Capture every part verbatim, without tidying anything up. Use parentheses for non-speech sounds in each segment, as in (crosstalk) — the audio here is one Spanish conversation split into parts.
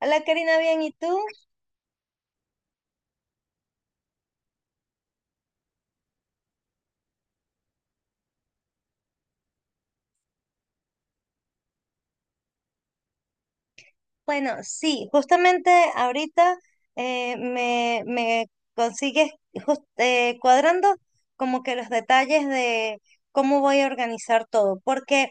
Hola Karina, bien, ¿y tú? Bueno, sí, justamente ahorita eh, me, me consigues jus- eh, cuadrando como que los detalles de cómo voy a organizar todo, porque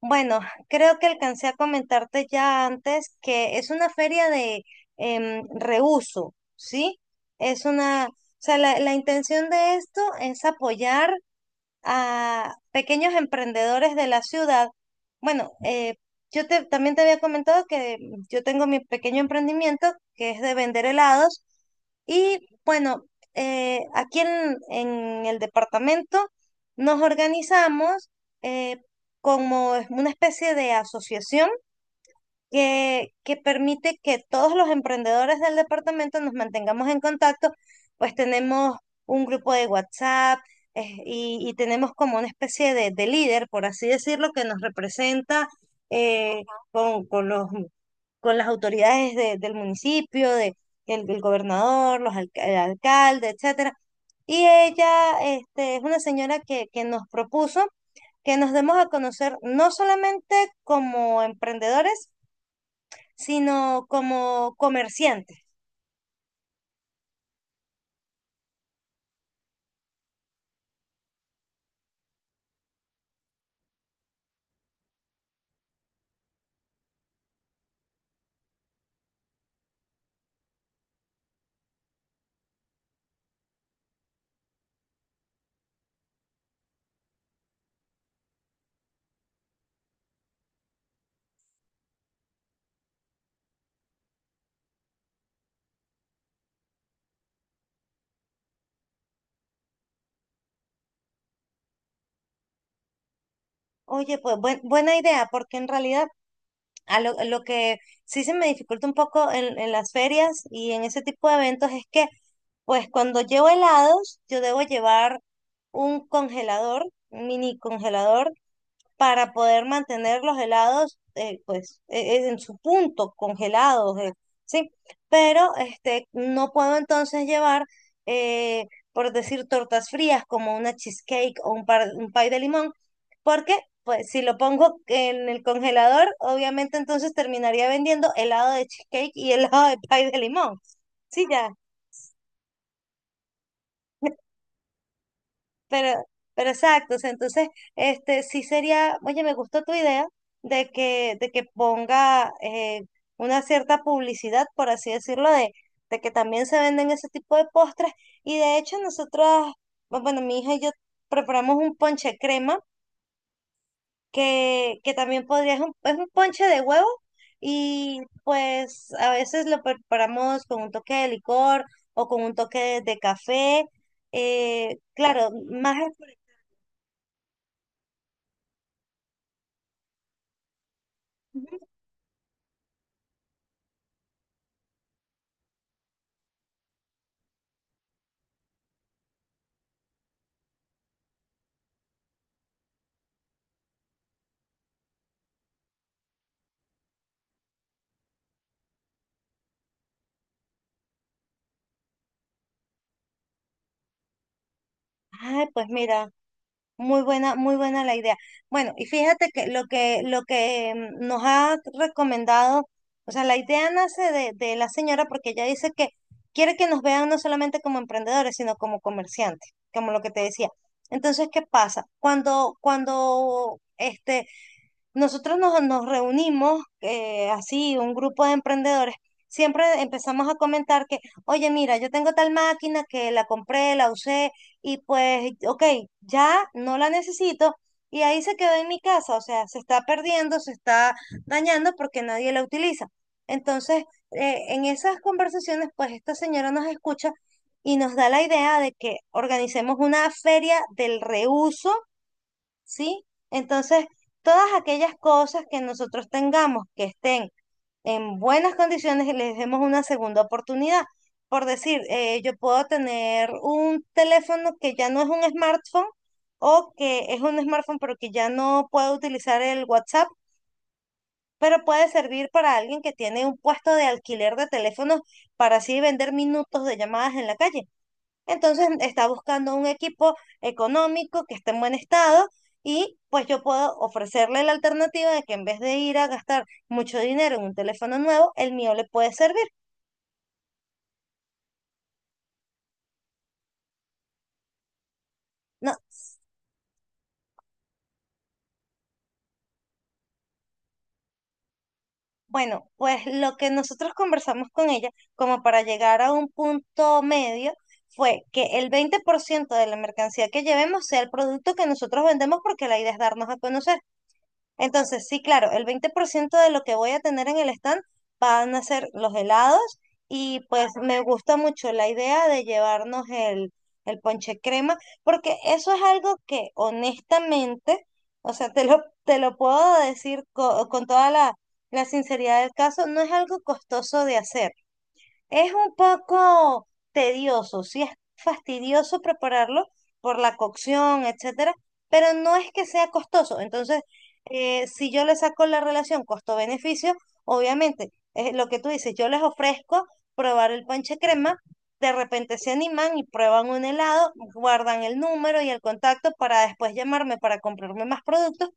bueno, creo que alcancé a comentarte ya antes que es una feria de em, reuso, ¿sí? Es una, o sea, la, la intención de esto es apoyar a pequeños emprendedores de la ciudad. Bueno, eh, yo te- también te había comentado que yo tengo mi pequeño emprendimiento que es de vender helados y bueno, eh, aquí en, en el departamento nos organizamos eh, como es una especie de asociación que, que permite que todos los emprendedores del departamento nos mantengamos en contacto, pues tenemos un grupo de WhatsApp eh, y, y tenemos como una especie de, de líder, por así decirlo, que nos representa eh, con, con los, con las autoridades de- del municipio, de, el, el gobernador, los alca- el alcalde, etcétera. Y ella este, es una señora que, que nos propuso que nos demos a conocer no solamente como emprendedores, sino como comerciantes. Oye, pues buen- buena idea, porque en realidad a lo, lo que sí se me dificulta un poco en, en las ferias y en ese tipo de eventos es que, pues cuando llevo helados, yo debo llevar un congelador, un mini congelador, para poder mantener los helados eh, pues eh, eh, en su punto, congelados, eh, ¿sí? Pero este, no puedo entonces llevar, eh, por decir, tortas frías como una cheesecake o un, par- un pie de limón, porque pues si lo pongo en el congelador, obviamente entonces terminaría vendiendo helado de cheesecake y (laughs) helado de pie de limón. Sí, ya. Pero, pero exacto, o sea, entonces, este, sí sería, oye, me gustó tu idea de que, de que ponga eh, una cierta publicidad, por así decirlo, de, de que también se venden ese tipo de postres. Y de hecho, nosotros, bu- bueno, mi hija y yo preparamos un ponche crema, que, que también podría, es un, es un ponche de huevo, y pues a veces lo preparamos con un toque de licor o con un toque de, de café. Eh, claro, más... Ay, pues mira, muy buena, muy buena la idea. Bueno, y fíjate que lo que, lo que mm, nos ha recomendado, o sea, la idea nace de, de la señora porque ella dice que quiere que nos vean no solamente como emprendedores, sino como comerciantes, como lo que te decía. Entonces, ¿qué pasa? Cuando, cuando este, nosotros nos, nos reunimos eh, así, un grupo de emprendedores. Siempre empezamos a comentar que, oye, mira, yo tengo tal máquina que la compré, la usé y pues, ok, ya no la necesito y ahí se quedó en mi casa, o sea, se está perdiendo, se está dañando porque nadie la utiliza. Entonces, eh, en esas conversaciones, pues esta señora nos escucha y nos da la idea de que organicemos una feria del reuso, ¿sí? Entonces, todas aquellas cosas que nosotros tengamos que estén en buenas condiciones, les demos una segunda oportunidad. Por decir, eh, yo puedo tener un teléfono que ya no es un smartphone o que es un smartphone pero que ya no puedo utilizar el WhatsApp, pero puede servir para alguien que tiene un puesto de alquiler de teléfonos para así vender minutos de llamadas en la calle. Entonces está buscando un equipo económico que esté en buen estado y pues yo puedo ofrecerle la alternativa de que en vez de ir a gastar mucho dinero en un teléfono nuevo, el mío le puede servir. No, bueno, pues lo que nosotros conversamos con ella como para llegar a un punto medio fue que el veinte por ciento de la mercancía que llevemos sea el producto que nosotros vendemos porque la idea es darnos a conocer. Entonces, sí, claro, el veinte por ciento de lo que voy a tener en el stand van a ser los helados y pues me gusta mucho la idea de llevarnos el, el ponche crema, porque eso es algo que honestamente, o sea, te lo, te lo puedo decir co- con toda la, la sinceridad del caso, no es algo costoso de hacer. Es un poco tedioso, sí es fastidioso prepararlo por la cocción, etcétera, pero no es que sea costoso. Entonces, eh, si yo le saco la relación costo-beneficio, obviamente, es lo que tú dices, yo les ofrezco probar el ponche crema, de repente se animan y prueban un helado, guardan el número y el contacto para después llamarme para comprarme más productos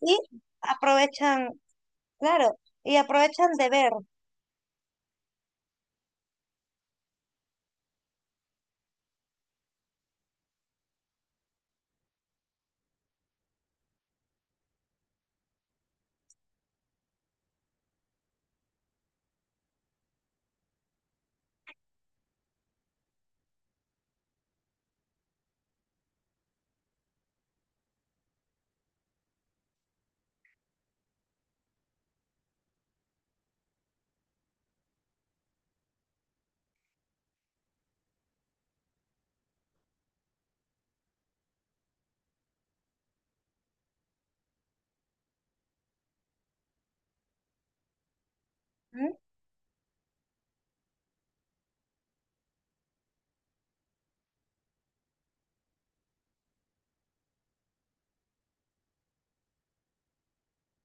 y aprovechan, claro, y aprovechan de ver.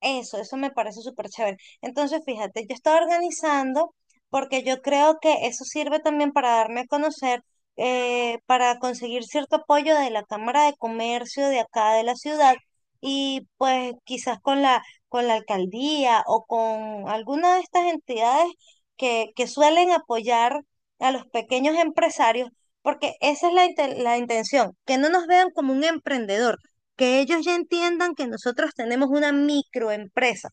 Eso, eso me parece súper chévere. Entonces, fíjate, yo estaba organizando porque yo creo que eso sirve también para darme a conocer, eh, para conseguir cierto apoyo de la Cámara de Comercio de acá de la ciudad y pues quizás con la, con la alcaldía o con alguna de estas entidades que, que suelen apoyar a los pequeños empresarios, porque esa es la, inte- la intención, que no nos vean como un emprendedor, que ellos ya entiendan que nosotros tenemos una microempresa,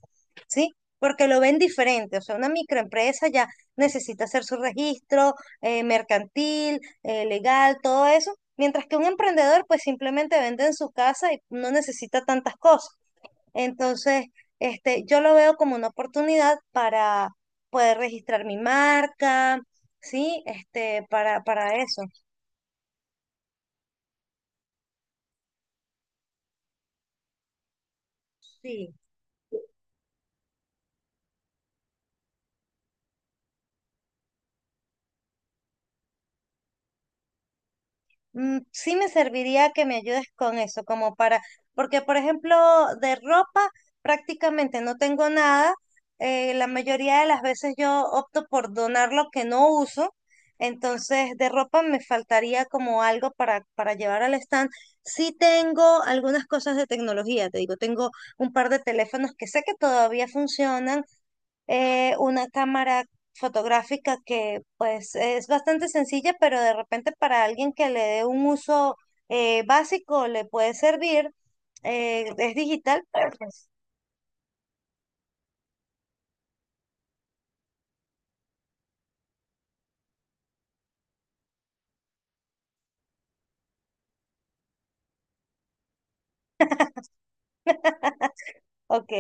¿sí? Porque lo ven diferente, o sea, una microempresa ya necesita hacer su registro eh, mercantil, eh, legal, todo eso, mientras que un emprendedor pues simplemente vende en su casa y no necesita tantas cosas. Entonces, este, yo lo veo como una oportunidad para poder registrar mi marca, ¿sí? Este, para, para eso, sí. Mm, Sí me serviría que me ayudes con eso, como para, porque por ejemplo, de ropa prácticamente no tengo nada. Eh, la mayoría de las veces yo opto por donar lo que no uso. Entonces, de ropa me faltaría como algo para, para llevar al stand. Sí tengo algunas cosas de tecnología, te digo, tengo un par de teléfonos que sé que todavía funcionan, eh, una cámara fotográfica que pues es bastante sencilla, pero de repente para alguien que le dé un uso eh, básico le puede servir. Eh, es digital, pero pues, ok,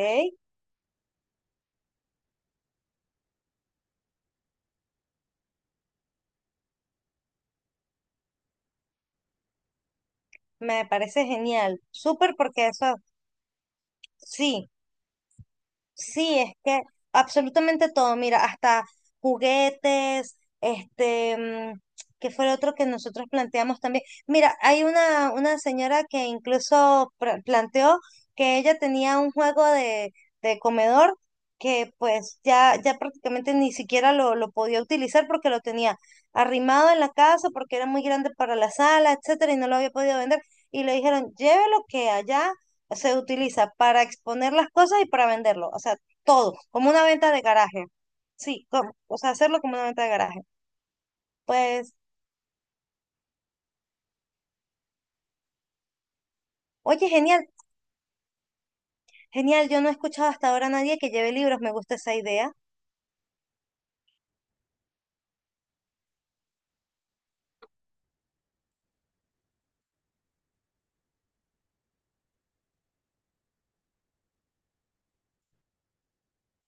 me parece genial. Súper porque eso, sí. Sí, es que absolutamente todo, mira, hasta juguetes, este, mm, ¿qué fue lo otro que nosotros planteamos también? Mira, hay una, una señora que incluso pra- planteó que ella tenía un juego de, de comedor que pues ya, ya prácticamente ni siquiera lo, lo podía utilizar porque lo tenía arrimado en la casa, porque era muy grande para la sala, etcétera, y no lo había podido vender. Y le dijeron, llévelo que allá se utiliza para exponer las cosas y para venderlo, o sea, todo, como una venta de garaje. Sí, como- o sea, hacerlo como una venta de garaje. Pues, oye, genial, genial, yo no he escuchado hasta ahora a nadie que lleve libros, me gusta esa idea.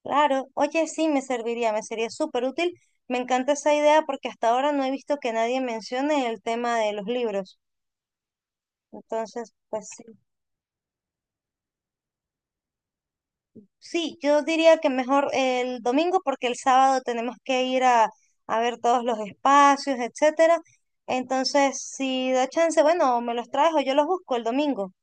Claro, oye, sí, me serviría, me sería súper útil. Me encanta esa idea porque hasta ahora no he visto que nadie mencione el tema de los libros. Entonces, pues sí. Sí, yo diría que mejor el domingo porque el sábado tenemos que ir a, a ver todos los espacios, etcétera. Entonces, si da chance, bueno, o me los traes o yo los busco el domingo.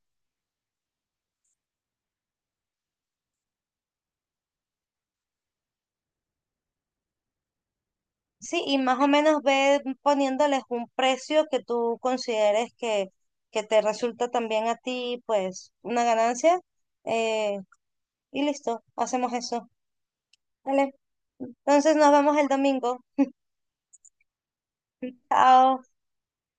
Sí, y más o menos ve poniéndoles un precio que tú consideres que, que te resulta también a ti, pues, una ganancia. eh, y listo, hacemos eso. Vale. Entonces nos vemos el domingo. Chao.